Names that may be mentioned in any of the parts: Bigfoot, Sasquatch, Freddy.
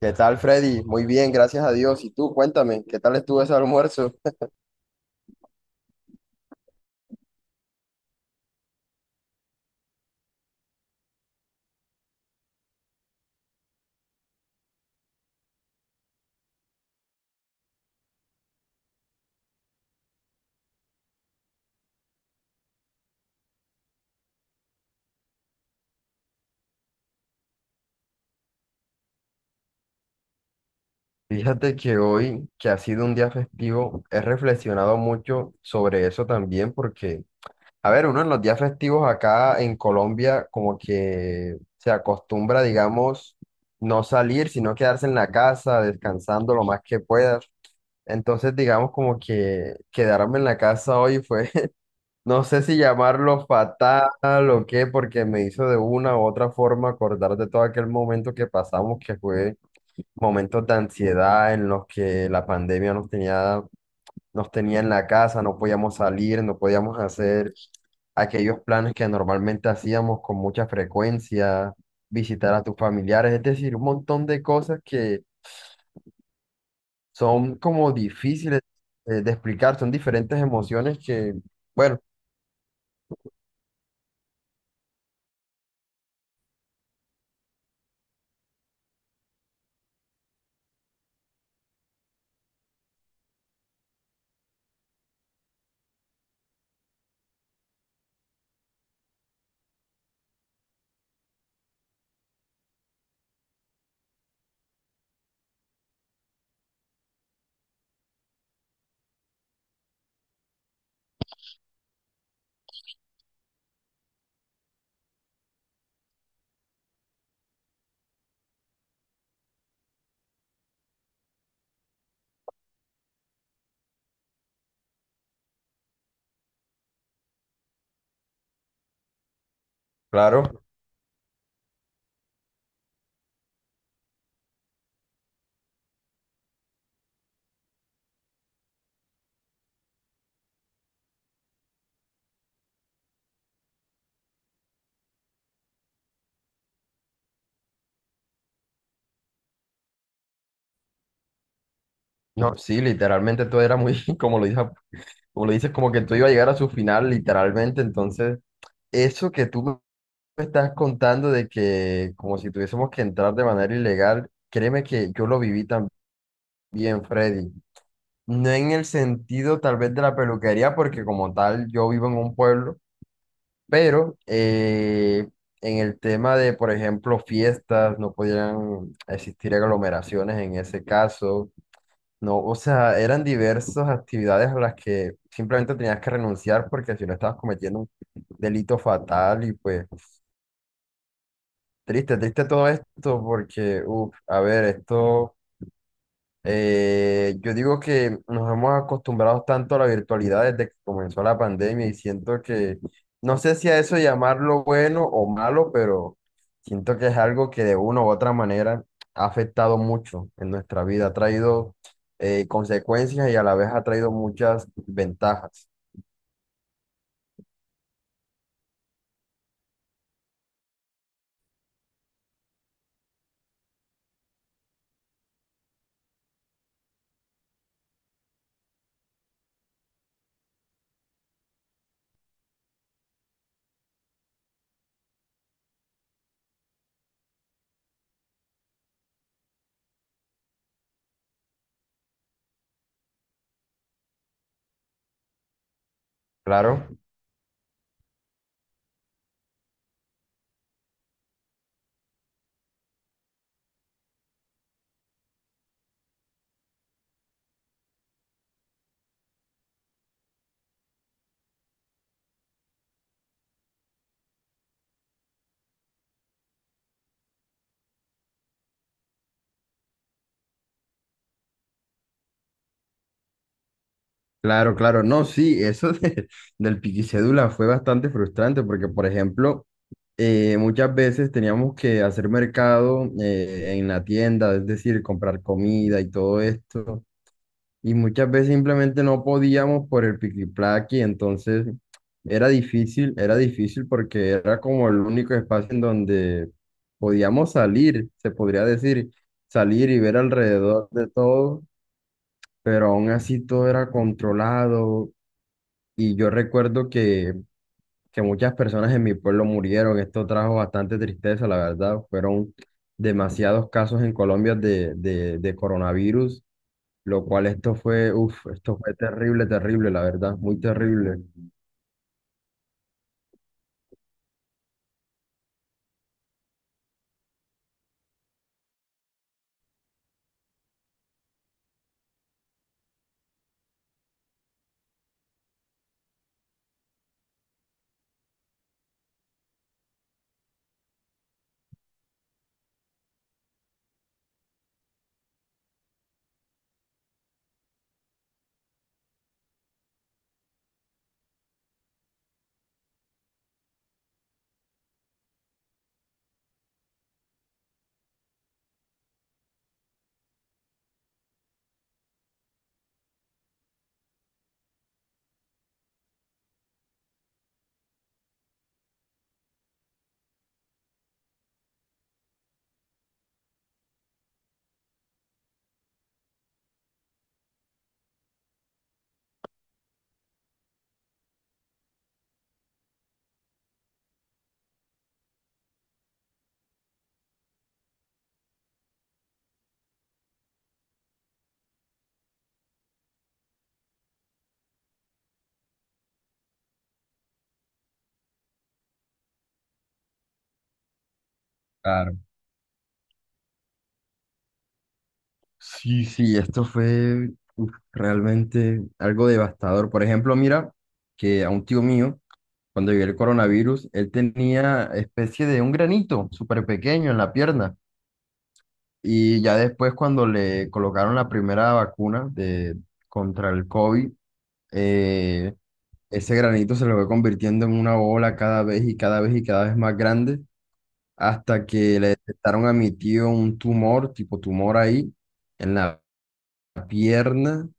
¿Qué tal, Freddy? Muy bien, gracias a Dios. Y tú, cuéntame, ¿qué tal estuvo ese almuerzo? Fíjate que hoy, que ha sido un día festivo, he reflexionado mucho sobre eso también porque, a ver, uno en los días festivos acá en Colombia como que se acostumbra, digamos, no salir, sino quedarse en la casa, descansando lo más que puedas. Entonces, digamos, como que quedarme en la casa hoy fue. No sé si llamarlo fatal o qué, porque me hizo de una u otra forma acordar de todo aquel momento que pasamos, que fue momentos de ansiedad en los que la pandemia nos tenía en la casa, no podíamos salir, no podíamos hacer aquellos planes que normalmente hacíamos con mucha frecuencia, visitar a tus familiares, es decir, un montón de cosas que son como difíciles de explicar, son diferentes emociones que, bueno, claro. No, sí, literalmente todo era muy, como lo dices, como lo dices, como que todo iba a llegar a su final, literalmente. Entonces, eso que tú me estás contando de que como si tuviésemos que entrar de manera ilegal, créeme que yo lo viví también, Freddy. No en el sentido tal vez de la peluquería, porque como tal yo vivo en un pueblo, pero en el tema de, por ejemplo, fiestas, no podían existir aglomeraciones en ese caso no, o sea, eran diversas actividades a las que simplemente tenías que renunciar porque si no estabas cometiendo un delito fatal y pues triste, triste todo esto porque, uff, a ver, esto yo digo que nos hemos acostumbrado tanto a la virtualidad desde que comenzó la pandemia y siento que, no sé si a eso llamarlo bueno o malo, pero siento que es algo que de una u otra manera ha afectado mucho en nuestra vida, ha traído consecuencias y a la vez ha traído muchas ventajas. Claro, claro, claro. No, sí, eso del piquicédula fue bastante frustrante porque, por ejemplo, muchas veces teníamos que hacer mercado en la tienda, es decir, comprar comida y todo esto. Y muchas veces simplemente no podíamos por el piquiplaqui, entonces era difícil porque era como el único espacio en donde podíamos salir, se podría decir, salir y ver alrededor de todo, pero aún así todo era controlado. Y yo recuerdo que muchas personas en mi pueblo murieron. Esto trajo bastante tristeza, la verdad. Fueron demasiados casos en Colombia de coronavirus, lo cual esto fue, uf, esto fue terrible, terrible, la verdad, muy terrible. Claro. Sí, sí, esto fue uf, realmente algo devastador. Por ejemplo, mira que a un tío mío, cuando llegó el coronavirus, él tenía especie de un granito súper pequeño en la pierna. Y ya después, cuando le colocaron la primera vacuna de, contra el COVID, eh, ese granito se le fue convirtiendo en una bola cada vez y cada vez y cada vez más grande, hasta que le detectaron a mi tío un tumor, tipo tumor ahí, en la pierna.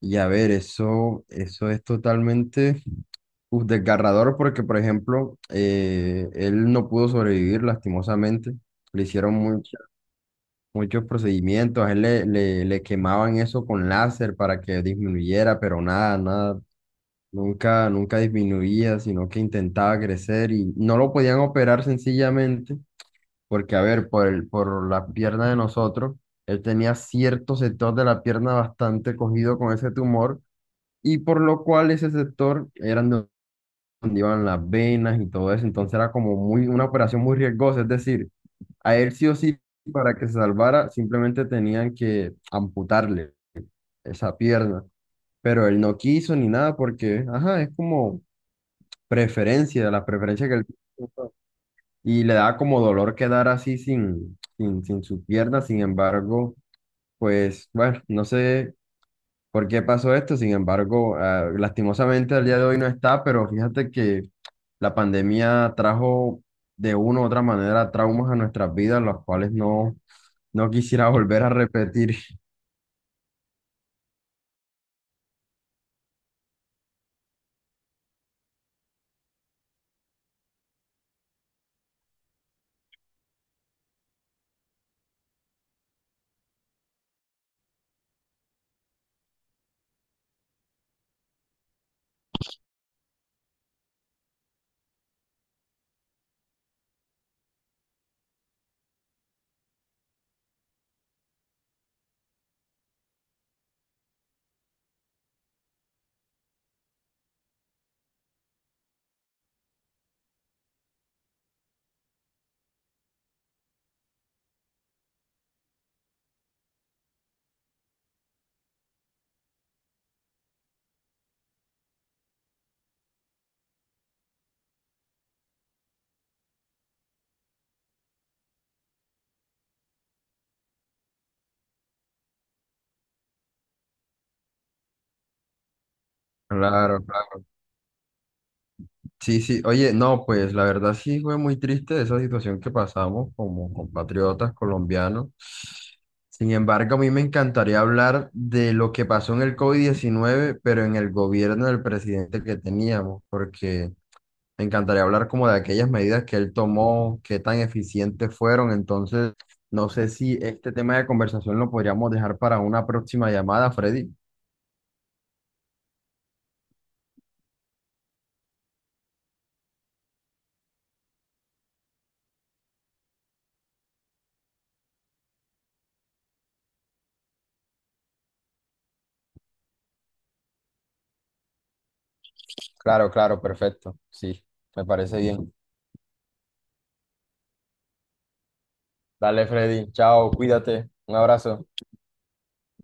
Y a ver, eso es totalmente uf, desgarrador porque, por ejemplo, él no pudo sobrevivir lastimosamente. Le hicieron muchas muchos procedimientos. A él le quemaban eso con láser para que disminuyera, pero nada, nada, nunca disminuía, sino que intentaba crecer y no lo podían operar sencillamente, porque a ver, por la pierna de nosotros, él tenía cierto sector de la pierna bastante cogido con ese tumor y por lo cual ese sector eran donde iban las venas y todo eso, entonces era como muy, una operación muy riesgosa, es decir, a él sí o sí, para que se salvara, simplemente tenían que amputarle esa pierna. Pero él no quiso ni nada porque, ajá, es como preferencia, la preferencia que él tiene. Y le da como dolor quedar así sin su pierna. Sin embargo, pues bueno, no sé por qué pasó esto. Sin embargo, ah, lastimosamente al día de hoy no está, pero fíjate que la pandemia trajo de una u otra manera traumas a nuestras vidas, los cuales no. No quisiera volver a repetir. Claro, claro. Sí, sí. Oye, no, pues la verdad sí fue muy triste esa situación que pasamos como compatriotas colombianos. Sin embargo, a mí me encantaría hablar de lo que pasó en el COVID-19 pero en el gobierno del presidente que teníamos, porque me encantaría hablar como de aquellas medidas que él tomó, qué tan eficientes fueron. Entonces, no sé si este tema de conversación lo podríamos dejar para una próxima llamada, Freddy. Claro, claro, perfecto. Sí, me parece bien. Dale, Freddy. Chao, cuídate. Un abrazo.